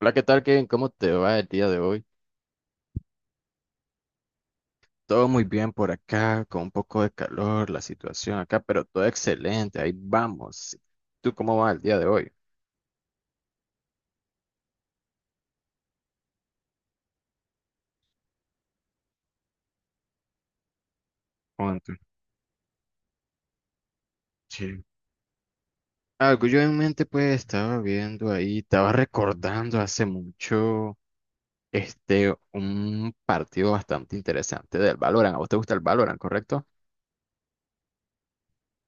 Hola, ¿qué tal, Kevin? ¿Cómo te va el día de hoy? Todo muy bien por acá, con un poco de calor, la situación acá, pero todo excelente, ahí vamos. ¿Tú cómo va el día de hoy? ¿Cuánto? Sí. Algo yo en mente pues estaba viendo ahí, estaba recordando hace mucho un partido bastante interesante del Valorant. ¿A vos te gusta el Valorant, correcto?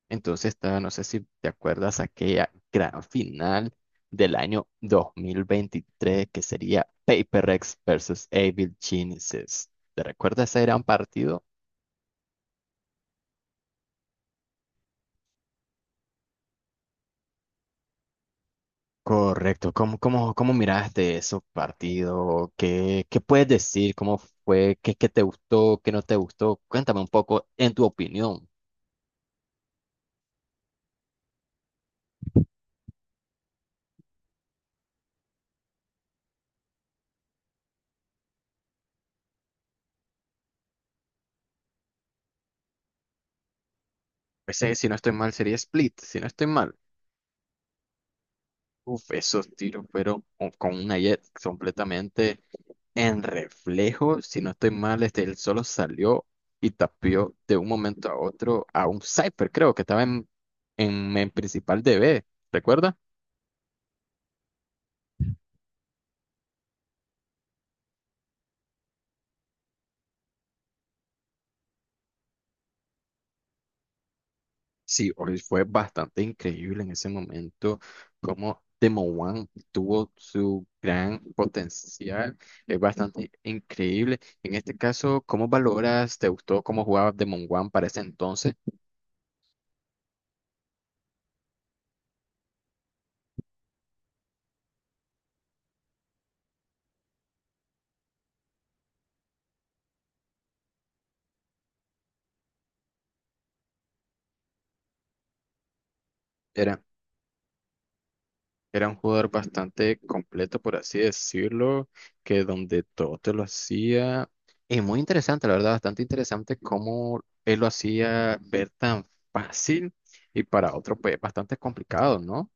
Entonces, no sé si te acuerdas aquella gran final del año 2023 que sería Paper X versus Evil Geniuses. ¿Te recuerdas ese gran partido? Correcto. ¿Cómo miraste ese partido? ¿Qué puedes decir? ¿Cómo fue? ¿Qué te gustó? ¿Qué no te gustó? Cuéntame un poco en tu opinión. Pues, si no estoy mal, sería Split. Si no estoy mal. Uf, esos tiros fueron con una jet completamente. En reflejo, si no estoy mal, él solo salió y tapió de un momento a otro a un Cypher, creo que estaba en principal D B, ¿recuerda? Sí, hoy fue bastante increíble en ese momento cómo Demo One tuvo su gran potencial, es bastante increíble. En este caso, ¿cómo valoras? ¿Te gustó cómo jugaba Demo One para ese entonces? ¿Era? Era un jugador bastante completo, por así decirlo, que donde todo te lo hacía. Y muy interesante, la verdad, bastante interesante cómo él lo hacía ver tan fácil y para otro, pues, bastante complicado, ¿no?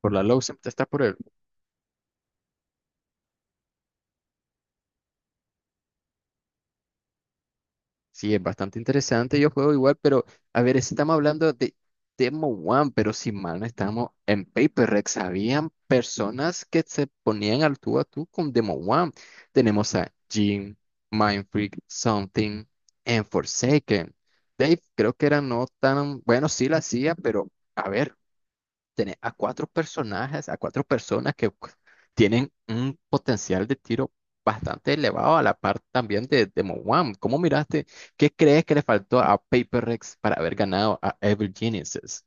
Por la low siempre está por el. Sí, es bastante interesante. Yo juego igual, pero a ver, estamos hablando de Demo One, pero si mal no estamos en Paper Rex. Habían personas que se ponían al tú a tú con Demo One. Tenemos a Jim, Mindfreak, Something, and Forsaken. Dave, creo que era no tan bueno, sí la hacía, pero a ver, tenés a cuatro personajes, a cuatro personas que pues, tienen un potencial de tiro bastante elevado a la par también de Mo. ¿Cómo miraste? ¿Qué crees que le faltó a Paper Rex para haber ganado a Evil Geniuses?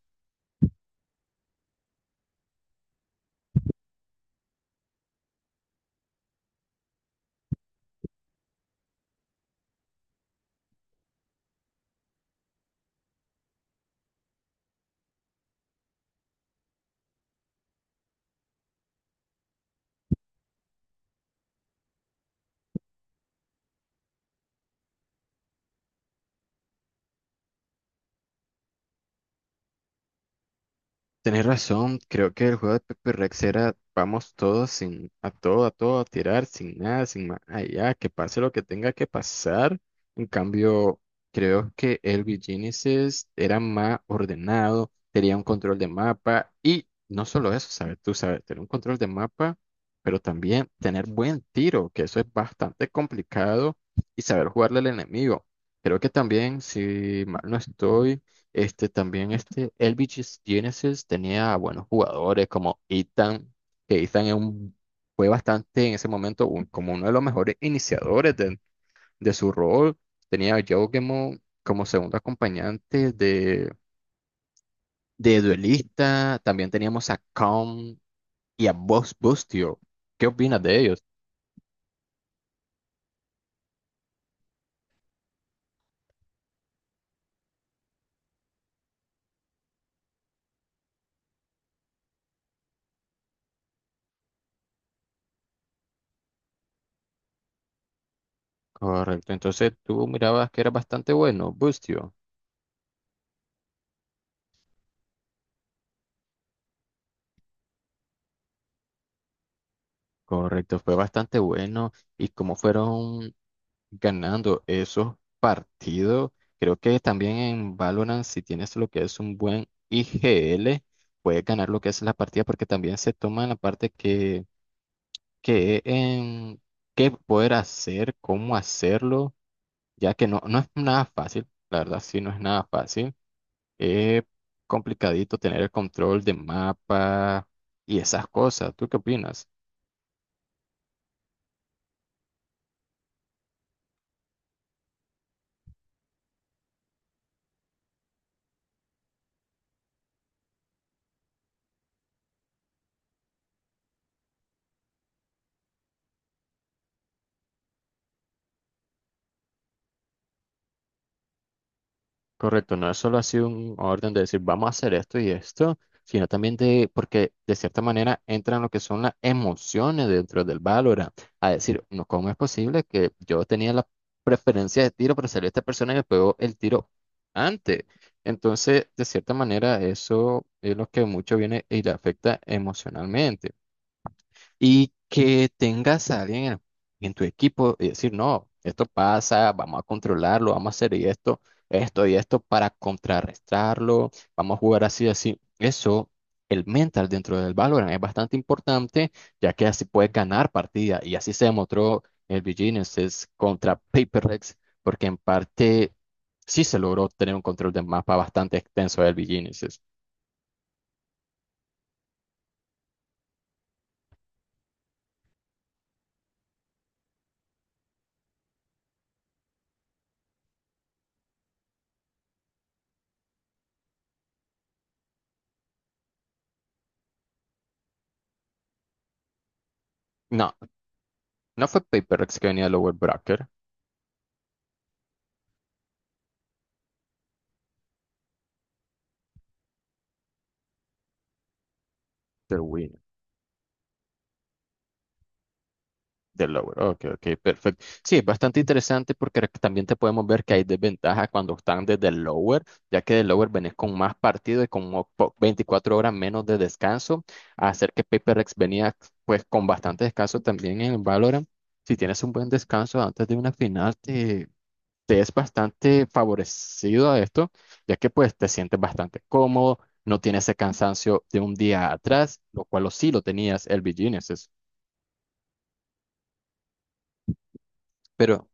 Tenés razón, creo que el juego de Pepe Rex era vamos todos sin a todo, a todo, a tirar, sin nada, sin más allá, que pase lo que tenga que pasar. En cambio, creo que el Genesis era más ordenado, tenía un control de mapa y no solo eso, sabes, tú sabes, tener un control de mapa, pero también tener buen tiro, que eso es bastante complicado y saber jugarle al enemigo. Creo que también, si mal no estoy. Este también, este Elvis Genesis tenía buenos jugadores como Ethan, que Ethan es fue bastante en ese momento como uno de los mejores iniciadores de su rol. Tenía a Joe Gemo como segundo acompañante de duelista. También teníamos a Kong y a Buzz Bustio. ¿Qué opinas de ellos? Correcto, entonces tú mirabas que era bastante bueno, Bustio. Correcto, fue bastante bueno y como fueron ganando esos partidos. Creo que también en Valorant, si tienes lo que es un buen IGL, puedes ganar lo que es la partida, porque también se toma la parte que en qué poder hacer, cómo hacerlo, ya que no es nada fácil, la verdad, sí, no es nada fácil. Es complicadito tener el control de mapa y esas cosas. ¿Tú qué opinas? Correcto, no es solo así un orden de decir vamos a hacer esto y esto, sino también de, porque de cierta manera entran lo que son las emociones dentro del Valorant, a decir, no, ¿cómo es posible que yo tenía la preferencia de tiro, pero salió esta persona y me pegó el tiro antes? Entonces, de cierta manera, eso es lo que mucho viene y le afecta emocionalmente y que tengas a alguien en tu equipo y decir, no, esto pasa, vamos a controlarlo, vamos a hacer y esto y esto para contrarrestarlo, vamos a jugar así, así. Eso, el mental dentro del Valorant es bastante importante, ya que así puedes ganar partidas y así se demostró el BGNeSys contra PaperX, porque en parte sí se logró tener un control de mapa bastante extenso del BGNeSys. No, no fue PaperX que venía de Lower Bracket, pero bueno. Del lower. Ok, ok, perfecto. Sí, es bastante interesante porque también te podemos ver que hay desventajas cuando están desde el lower, ya que del lower venís con más partido y con 24 horas menos de descanso, a hacer que PaperX venía pues con bastante descanso también en el Valorant. Si tienes un buen descanso antes de una final, te es bastante favorecido a esto, ya que pues te sientes bastante cómodo, no tienes ese cansancio de un día atrás, lo cual lo sí lo tenías el Virginia. Pero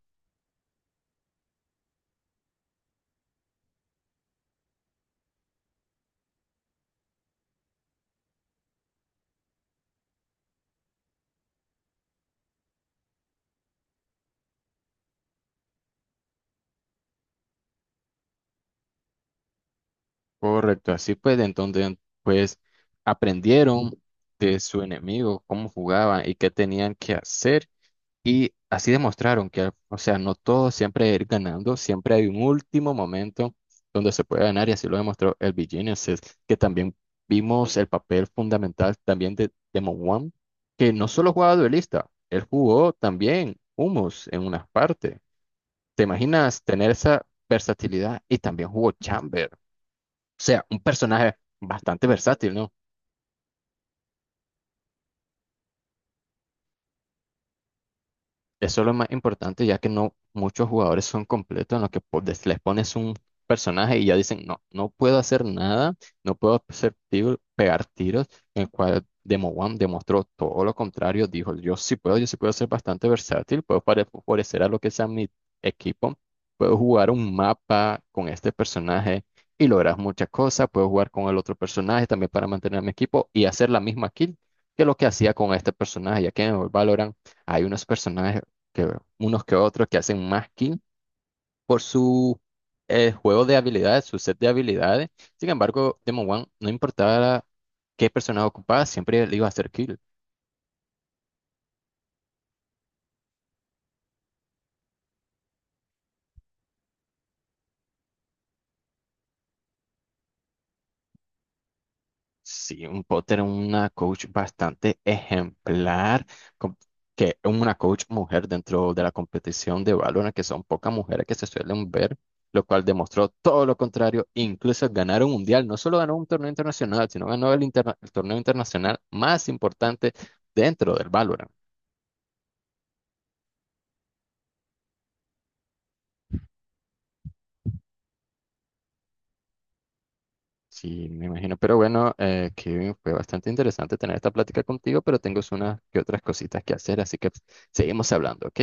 correcto, así pues, entonces, pues aprendieron de su enemigo cómo jugaban y qué tenían que hacer y así demostraron que, o sea, no todo siempre es ir ganando, siempre hay un último momento donde se puede ganar y así lo demostró el Genesis, que también vimos el papel fundamental también de Demon One, que no solo jugaba duelista, él jugó también Humus en una parte. ¿Te imaginas tener esa versatilidad y también jugó Chamber? Sea, un personaje bastante versátil, ¿no? Eso es lo más importante, ya que no muchos jugadores son completos en los que les pones un personaje y ya dicen, no, no puedo hacer nada, no puedo hacer pegar tiros, en el cual Demo One demostró todo lo contrario, dijo, yo sí puedo ser bastante versátil, puedo favorecer a lo que sea mi equipo, puedo jugar un mapa con este personaje y lograr muchas cosas, puedo jugar con el otro personaje también para mantener a mi equipo y hacer la misma kill que lo que hacía con este personaje, ya que en el Valorant hay unos personajes que unos que otros que hacen más kill por su juego de habilidades, su set de habilidades. Sin embargo, Demon One no importaba qué personaje ocupaba, siempre le iba a hacer kill. Sí, un Potter, una coach bastante ejemplar, com- que una coach mujer dentro de la competición de Valorant, que son pocas mujeres que se suelen ver, lo cual demostró todo lo contrario, incluso ganar un mundial, no solo ganó un torneo internacional, sino ganó el torneo internacional más importante dentro del Valorant. Sí, me imagino. Pero bueno, Kevin, fue bastante interesante tener esta plática contigo, pero tengo unas que otras cositas que hacer, así que seguimos hablando, ¿ok?